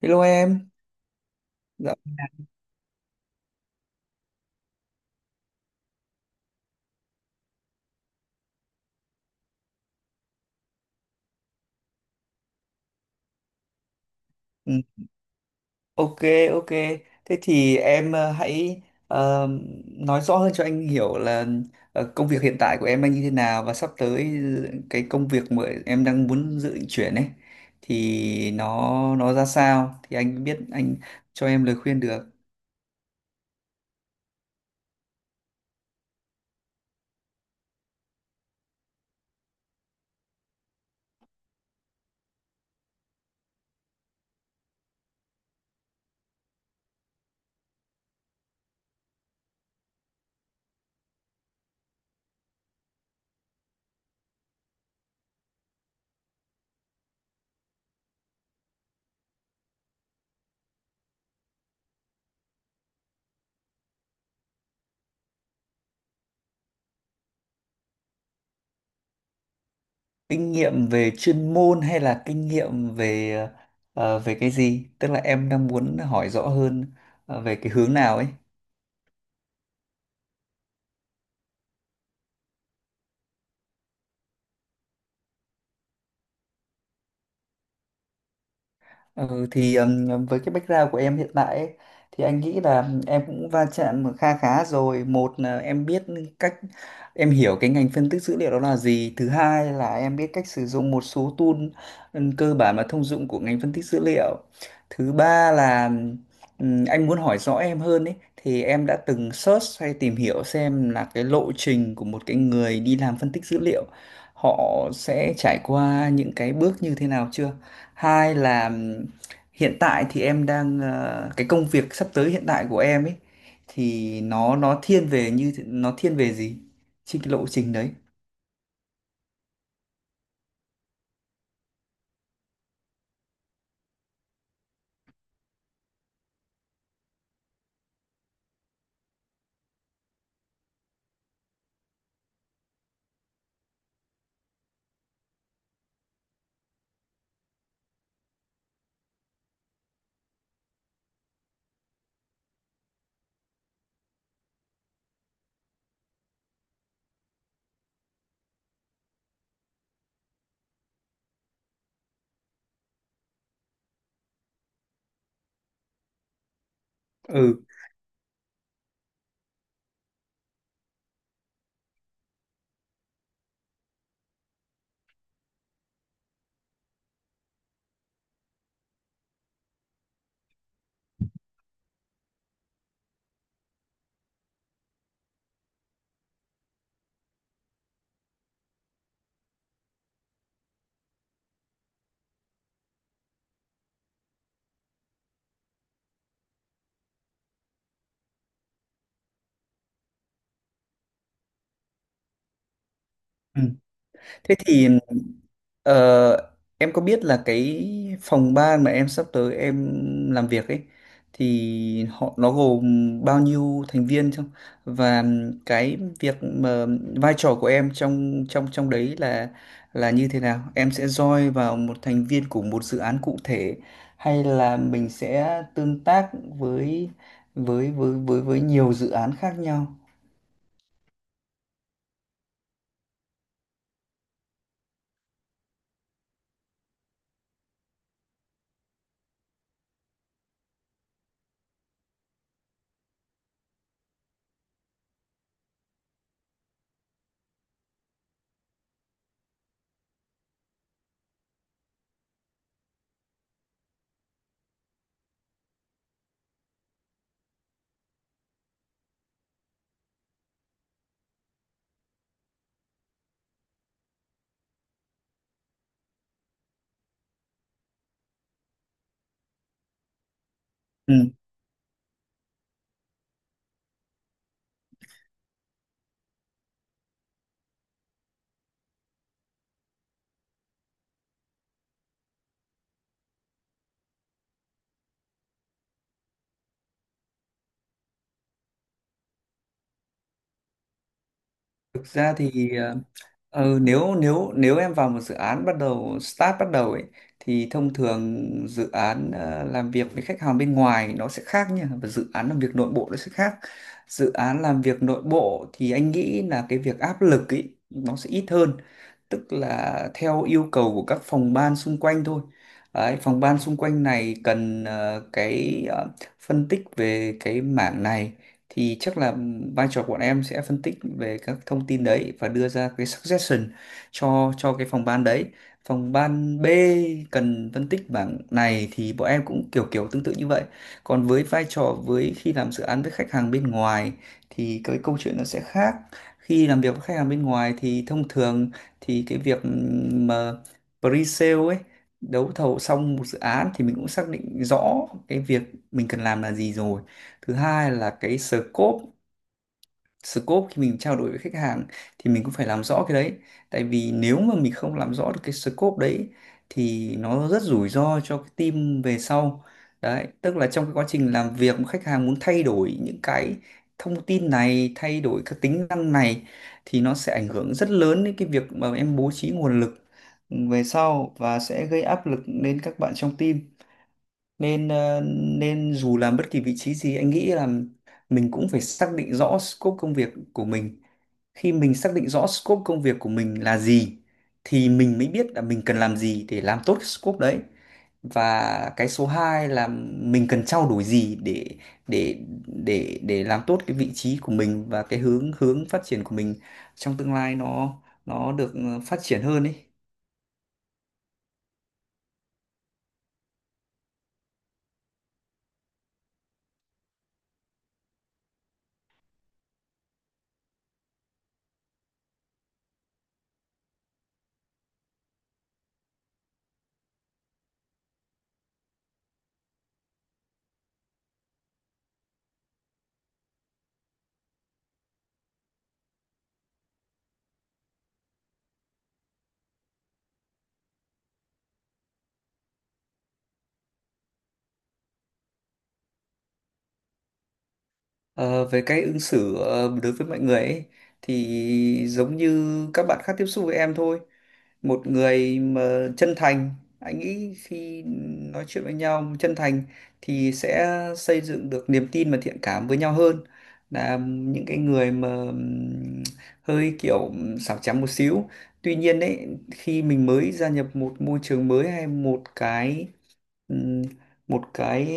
Hello em. Dạ. Ừ, ok, ok. Thế thì em hãy ờ, nói rõ hơn cho anh hiểu là công việc hiện tại của em đang như thế nào, và sắp tới cái công việc mà em đang muốn dự định chuyển ấy thì nó ra sao thì anh biết anh cho em lời khuyên được. Kinh nghiệm về chuyên môn hay là kinh nghiệm về về cái gì? Tức là em đang muốn hỏi rõ hơn về cái hướng nào ấy. Ừ, thì với cái background của em hiện tại ấy, thì anh nghĩ là em cũng va chạm kha khá rồi. Một là em biết cách, em hiểu cái ngành phân tích dữ liệu đó là gì. Thứ hai là em biết cách sử dụng một số tool cơ bản và thông dụng của ngành phân tích dữ liệu. Thứ ba là anh muốn hỏi rõ em hơn ấy, thì em đã từng search hay tìm hiểu xem là cái lộ trình của một cái người đi làm phân tích dữ liệu họ sẽ trải qua những cái bước như thế nào chưa? Hai là hiện tại thì em đang cái công việc sắp tới hiện tại của em ấy thì nó thiên về, như nó thiên về gì trên cái lộ trình đấy. Ừ, ừ. Thế thì Ờ, em có biết là cái phòng ban mà em sắp tới em làm việc ấy thì họ nó gồm bao nhiêu thành viên không? Và cái việc mà vai trò của em trong trong trong đấy là như thế nào? Em sẽ join vào một thành viên của một dự án cụ thể, hay là mình sẽ tương tác với với nhiều dự án khác nhau? Ừ. Thực ra thì nếu nếu nếu em vào một dự án bắt đầu start bắt đầu ấy, thì thông thường dự án làm việc với khách hàng bên ngoài nó sẽ khác nha, và dự án làm việc nội bộ nó sẽ khác. Dự án làm việc nội bộ thì anh nghĩ là cái việc áp lực ấy nó sẽ ít hơn, tức là theo yêu cầu của các phòng ban xung quanh thôi. Đấy, phòng ban xung quanh này cần cái phân tích về cái mảng này, thì chắc là vai trò của bọn em sẽ phân tích về các thông tin đấy và đưa ra cái suggestion cho cái phòng ban đấy. Phòng ban B cần phân tích bảng này thì bọn em cũng kiểu kiểu tương tự như vậy. Còn với vai trò, với khi làm dự án với khách hàng bên ngoài thì cái câu chuyện nó sẽ khác. Khi làm việc với khách hàng bên ngoài thì thông thường thì cái việc mà pre-sale ấy, đấu thầu xong một dự án thì mình cũng xác định rõ cái việc mình cần làm là gì rồi. Thứ hai là cái scope scope khi mình trao đổi với khách hàng thì mình cũng phải làm rõ cái đấy, tại vì nếu mà mình không làm rõ được cái scope đấy thì nó rất rủi ro cho cái team về sau. Đấy, tức là trong cái quá trình làm việc mà khách hàng muốn thay đổi những cái thông tin này, thay đổi các tính năng này thì nó sẽ ảnh hưởng rất lớn đến cái việc mà em bố trí nguồn lực về sau, và sẽ gây áp lực lên các bạn trong team. Nên nên dù làm bất kỳ vị trí gì anh nghĩ là mình cũng phải xác định rõ scope công việc của mình. Khi mình xác định rõ scope công việc của mình là gì thì mình mới biết là mình cần làm gì để làm tốt cái scope đấy. Và cái số 2 là mình cần trao đổi gì để để làm tốt cái vị trí của mình, và cái hướng hướng phát triển của mình trong tương lai nó được phát triển hơn ấy. Ờ, về cách ứng xử đối với mọi người ấy, thì giống như các bạn khác tiếp xúc với em thôi. Một người mà chân thành, anh nghĩ khi nói chuyện với nhau chân thành thì sẽ xây dựng được niềm tin và thiện cảm với nhau, hơn là những cái người mà hơi kiểu xảo trá một xíu. Tuy nhiên đấy, khi mình mới gia nhập một môi trường mới hay ừm, một cái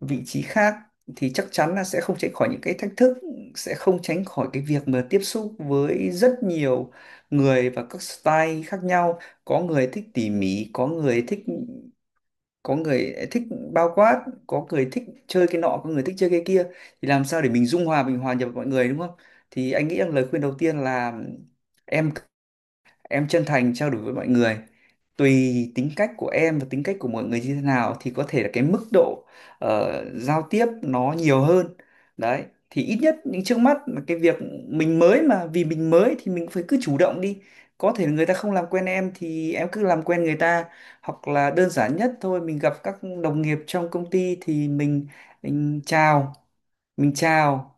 vị trí khác thì chắc chắn là sẽ không tránh khỏi những cái thách thức, sẽ không tránh khỏi cái việc mà tiếp xúc với rất nhiều người và các style khác nhau. Có người thích tỉ mỉ, có người thích bao quát, có người thích chơi cái nọ, có người thích chơi cái kia, thì làm sao để mình dung hòa, mình hòa nhập với mọi người đúng không? Thì anh nghĩ rằng lời khuyên đầu tiên là em em chân thành trao đổi với mọi người, tùy tính cách của em và tính cách của mọi người như thế nào thì có thể là cái mức độ giao tiếp nó nhiều hơn. Đấy, thì ít nhất những trước mắt là cái việc mình mới mà, vì mình mới thì mình phải cứ chủ động đi, có thể người ta không làm quen em thì em cứ làm quen người ta, hoặc là đơn giản nhất thôi, mình gặp các đồng nghiệp trong công ty thì mình chào, mình chào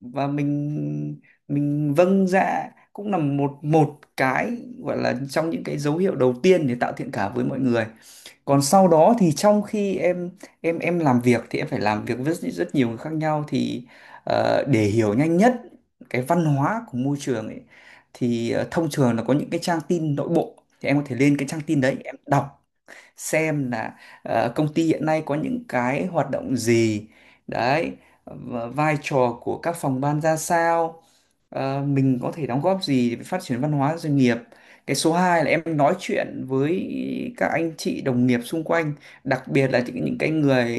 và mình vâng dạ cũng là một một cái gọi là trong những cái dấu hiệu đầu tiên để tạo thiện cảm với mọi người. Còn sau đó thì trong khi em làm việc thì em phải làm việc với rất nhiều người khác nhau, thì để hiểu nhanh nhất cái văn hóa của môi trường ấy, thì thông thường là có những cái trang tin nội bộ, thì em có thể lên cái trang tin đấy em đọc xem là công ty hiện nay có những cái hoạt động gì đấy, và vai trò của các phòng ban ra sao, mình có thể đóng góp gì để phát triển văn hóa doanh nghiệp. Cái số 2 là em nói chuyện với các anh chị đồng nghiệp xung quanh, đặc biệt là những cái người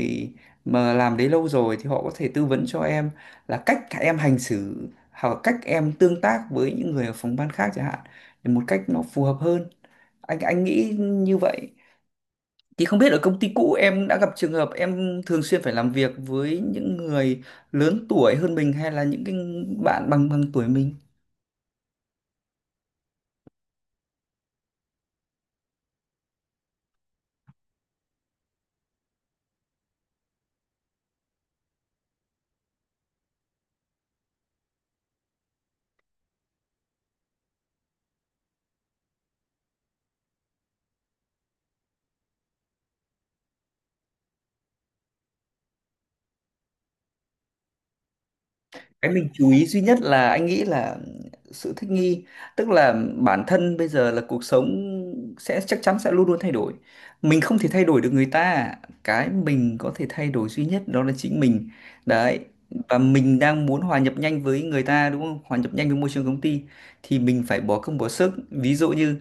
mà làm đấy lâu rồi, thì họ có thể tư vấn cho em là cách em hành xử, hoặc là cách em tương tác với những người ở phòng ban khác chẳng hạn, để một cách nó phù hợp hơn. Anh anh nghĩ như vậy. Thì không biết ở công ty cũ em đã gặp trường hợp em thường xuyên phải làm việc với những người lớn tuổi hơn mình, hay là những cái bạn bằng bằng tuổi mình. Cái mình chú ý duy nhất là anh nghĩ là sự thích nghi, tức là bản thân bây giờ là cuộc sống sẽ, chắc chắn sẽ luôn luôn thay đổi. Mình không thể thay đổi được người ta, cái mình có thể thay đổi duy nhất đó là chính mình. Đấy. Và mình đang muốn hòa nhập nhanh với người ta đúng không? Hòa nhập nhanh với môi trường công ty thì mình phải bỏ công bỏ sức. Ví dụ như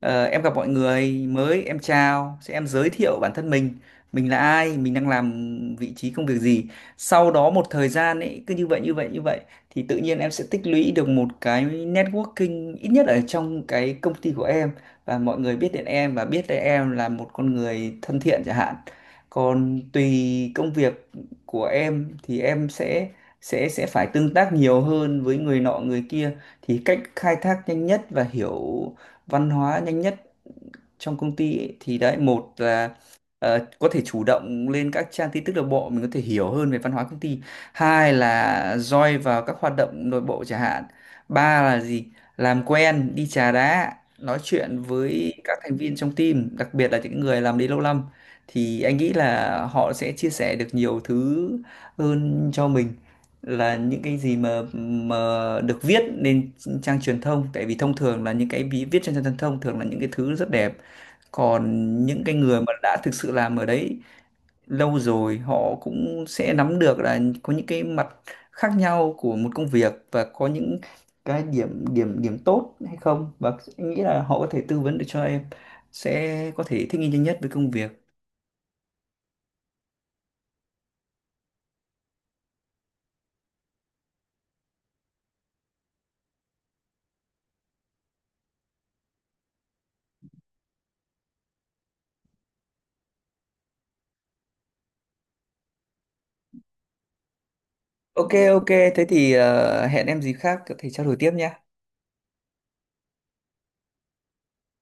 Em gặp mọi người mới, em chào, sẽ em giới thiệu bản thân mình là ai, mình đang làm vị trí công việc gì. Sau đó một thời gian ấy cứ như vậy như vậy như vậy thì tự nhiên em sẽ tích lũy được một cái networking ít nhất ở trong cái công ty của em, và mọi người biết đến em và biết đến em là một con người thân thiện chẳng hạn. Còn tùy công việc của em thì em sẽ phải tương tác nhiều hơn với người nọ người kia, thì cách khai thác nhanh nhất và hiểu văn hóa nhanh nhất trong công ty ấy, thì đấy, một là có thể chủ động lên các trang tin tức nội bộ mình có thể hiểu hơn về văn hóa công ty, hai là join vào các hoạt động nội bộ chẳng hạn, ba là gì, làm quen đi trà đá nói chuyện với các thành viên trong team, đặc biệt là những người làm đấy lâu năm thì anh nghĩ là họ sẽ chia sẻ được nhiều thứ hơn cho mình, là những cái gì mà được viết lên trang truyền thông, tại vì thông thường là những cái viết trên trang truyền thông thường là những cái thứ rất đẹp. Còn những cái người mà đã thực sự làm ở đấy lâu rồi họ cũng sẽ nắm được là có những cái mặt khác nhau của một công việc, và có những cái điểm điểm điểm tốt hay không, và anh nghĩ là họ có thể tư vấn được cho em, sẽ có thể thích nghi nhanh nhất với công việc. Ok, ok, thế thì hẹn em gì khác có thể trao đổi tiếp nhé.